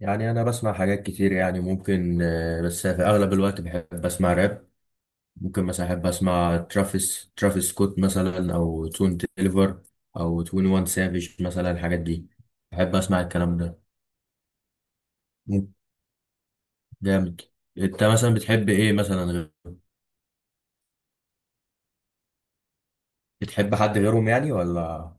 يعني انا بسمع حاجات كتير يعني ممكن بس في اغلب الوقت بحب اسمع راب. ممكن مثلا احب اسمع ترافيس سكوت مثلا او تون تيليفر او 21 سافيج مثلا الحاجات دي. بحب اسمع الكلام ده. مم، جامد. انت مثلا بتحب ايه مثلا بتحب حد غيرهم يعني ولا؟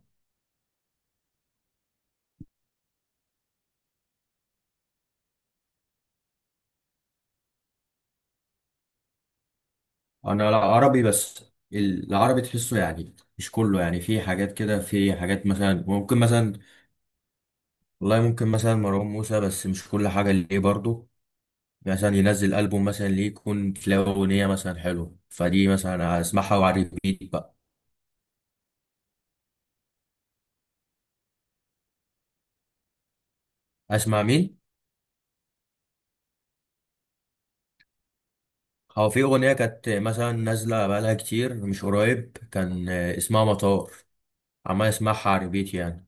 انا لا عربي بس. العربي تحسه يعني مش كله، يعني في حاجات كده، في حاجات مثلا ممكن مثلا. والله ممكن مثلا مروان موسى، بس مش كل حاجة ليه برضه. مثلا ينزل ألبوم مثلا ليه، يكون تلاقي أغنية مثلا حلوة فدي، مثلا أسمعها وعلى الريبيت بقى. أسمع مين؟ هو في أغنية كانت مثلا نازلة بقالها كتير مش قريب، كان اسمها مطار. عمال أسمعها على الريبيت يعني.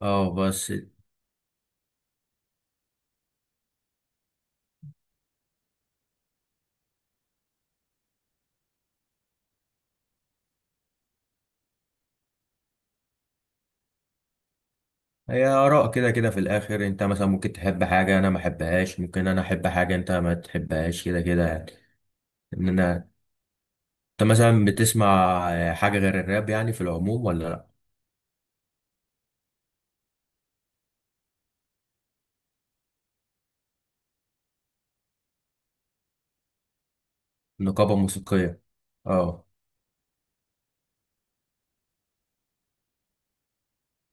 اه بس. هي آراء، كده كده في الآخر. أنت مثلا ممكن تحب حاجة أنا ما أحبهاش، ممكن أنا أحب حاجة أنت ما تحبهاش، كده كده يعني. إن أنا أنت مثلا بتسمع حاجة غير الراب يعني في العموم ولا لأ؟ نقابة موسيقية. اه.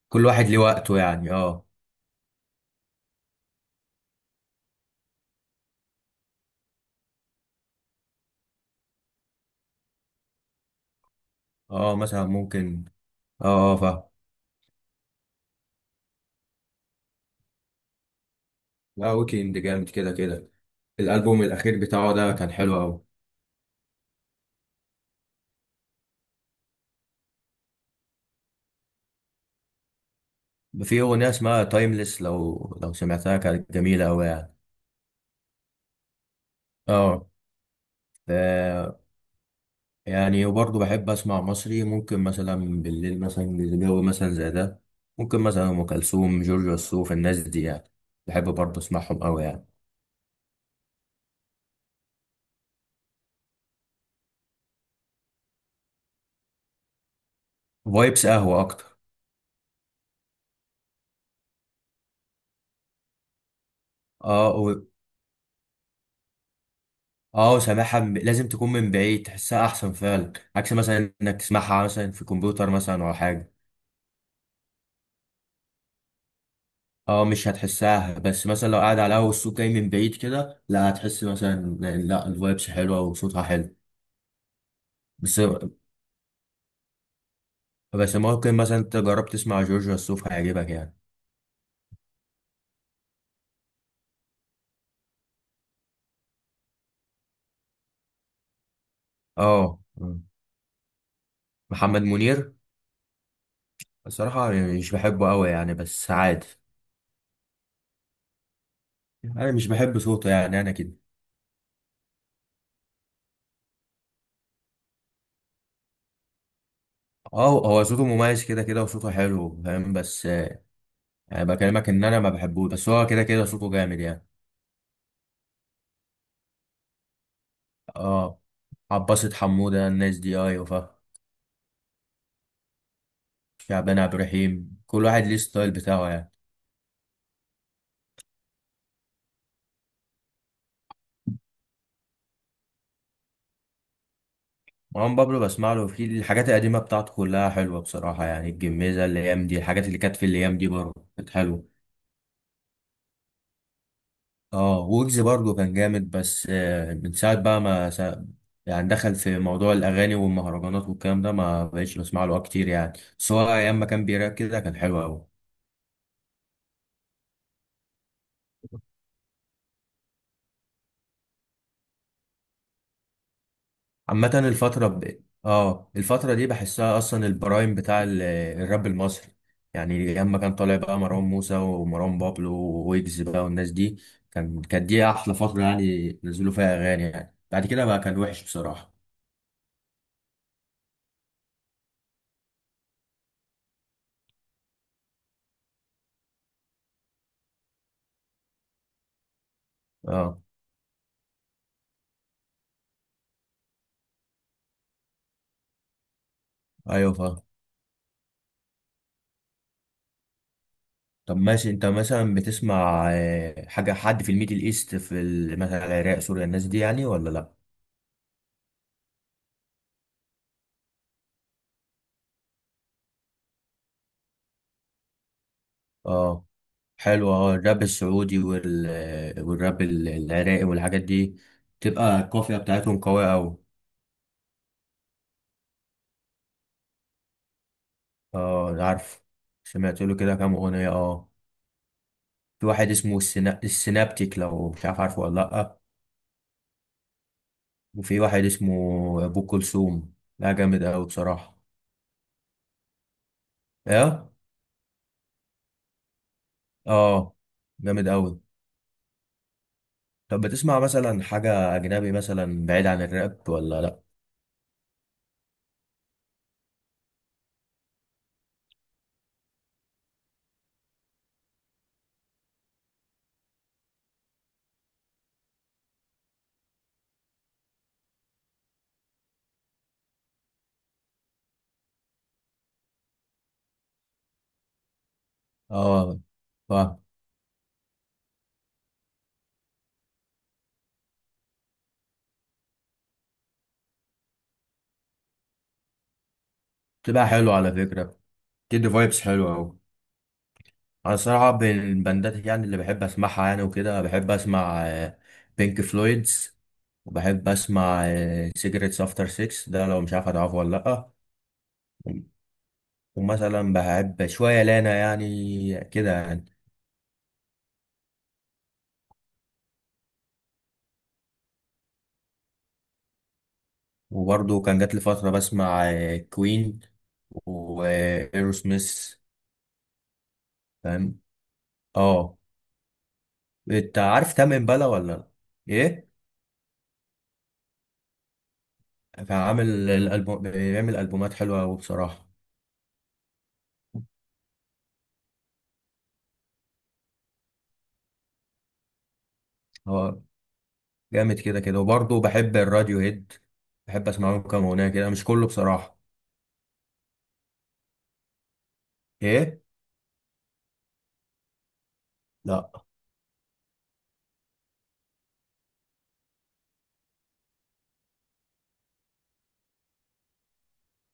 كل واحد ليه وقته يعني. اه اه مثلا ممكن. اه اه فاهم. لا، ويكند جامد كده كده. الالبوم الاخير بتاعه ده كان حلو قوي. في اغنيه اسمها تايمليس، لو سمعتها كانت جميله قوي يعني. اه. ف- يعني وبرضه بحب اسمع مصري. ممكن مثلا بالليل مثلا، الجو مثلا زي ده، ممكن مثلا ام كلثوم، جورج وسوف، الناس دي يعني. بحب برضه اسمعهم قوي يعني. فايبس قهوه اكتر. اه. اه لازم تكون من بعيد تحسها احسن فعلا، عكس مثلا انك تسمعها مثلا في كمبيوتر مثلا ولا حاجه. اه مش هتحسها، بس مثلا لو قاعد على اول، الصوت جاي من بعيد كده، لا هتحس مثلا. لا الفايبس حلوه وصوتها حلو. بس. بس ممكن مثلا انت جرب تسمع جورج وسوف، هيعجبك يعني. اه محمد منير. الصراحه يعني مش بحبه قوي يعني، بس عادي. انا مش بحب صوته يعني، انا كده. اه هو صوته مميز كده كده، وصوته حلو فاهم، بس يعني بكلمك ان انا ما بحبوش، بس هو كده كده صوته جامد يعني. اه عباسة حمودة الناس دي، ايوه فا. شعبان عبد الرحيم، كل واحد ليه ستايل بتاعه يعني. مروان بابلو بسمع له. في الحاجات القديمة بتاعته كلها حلوة بصراحة يعني. الجميزة، الأيام دي، الحاجات اللي كانت في الأيام دي برضه كانت حلوة. اه ويجز برضه كان جامد، بس من ساعة بقى ما سا... يعني دخل في موضوع الأغاني والمهرجانات والكلام ده، ما بقتش بسمع له كتير يعني. بس هو أيام ما كان بيراك كده كان حلو أوي. عامة اه الفترة دي بحسها اصلا البرايم بتاع الراب المصري. يعني اما كان طالع بقى مروان موسى ومروان بابلو وويجز بقى والناس دي، كانت دي احلى فترة يعني، نزلوا فيها اغاني يعني. بعد كده بقى كان وحش بصراحة. اه ايوه فاهم. طب ماشي، انت مثلا بتسمع حاجة حد في الميدل ايست، في مثلا العراق، سوريا، الناس دي يعني ولا لا؟ اه حلو. اه الراب السعودي وال... والراب العراقي والحاجات دي، تبقى القافية بتاعتهم قوية أوي. اه عارف. سمعت له كده كام أغنية اه. في واحد اسمه السينابتيك، لو مش عارف، عارفه ولا لأ؟ وفي واحد اسمه أبو كلثوم، لا جامد أوي بصراحة. ايه. اه جامد أوي. طب بتسمع مثلا حاجة أجنبي مثلا بعيد عن الراب ولا لأ؟ اه فاهم. بتبقى حلوة على فكرة، بتدي فايبس حلوة أوي. انا الصراحه بين البندات يعني اللي بحب اسمعها يعني وكده، بحب اسمع بينك فلويدز، وبحب اسمع سيجرتس افتر 6 ده، لو مش عارف هتعرفه ولا لا. ومثلا بحب شويه لانا يعني كده يعني. وبرضه كان جات لي فتره بسمع كوين وايرو سميث. فاهم. اه. انت عارف تامن امبالا ولا لا؟ ايه. كان عامل الالبوم، بيعمل البومات حلوه قوي بصراحه. هو جامد كده كده. وبرضه بحب الراديو هيد، بحب اسمع لهم كام اغنيه كده مش كله بصراحه. ايه. لا.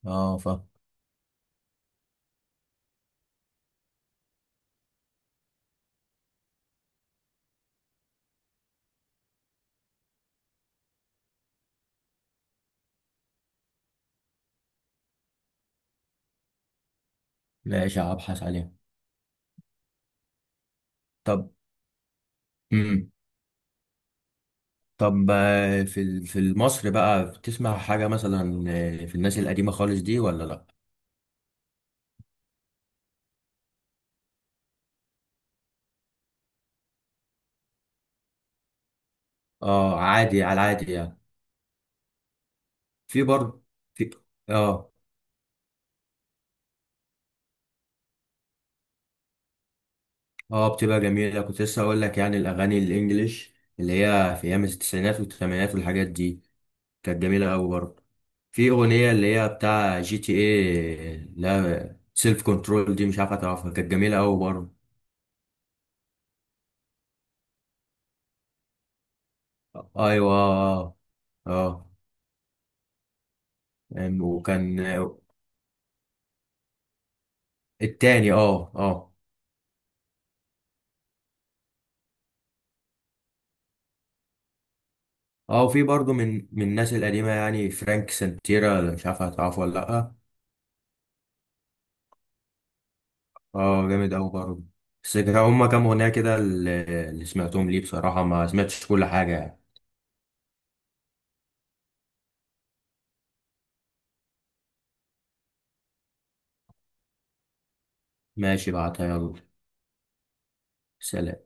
اه فا. ماشي هبحث عليها. طب. امم. طب في في مصر بقى بتسمع حاجه مثلا في الناس القديمه خالص دي ولا لا؟ اه عادي على العادي يعني. في برضه. في. اه. اه بتبقى جميله، كنت لسه اقول لك يعني الاغاني الانجليش اللي هي في ايام التسعينات والثمانينات والحاجات دي كانت جميله قوي برضه. في اغنيه اللي هي بتاع جي تي ايه، لا سيلف كنترول دي، مش عارف هتعرفها، كانت جميله قوي برضه. ايوه اه. اه وكان. التاني اه اه. اه وفي برضه من الناس القديمه يعني فرانك سنتيرا، مش عارف هتعرفه ولا لا؟ اه جامد قوي برضه. بس كان هما كام اغنيه كده اللي اللي سمعتهم ليه، بصراحه ما سمعتش كل حاجه يعني. ماشي بعتها يلا. سلام.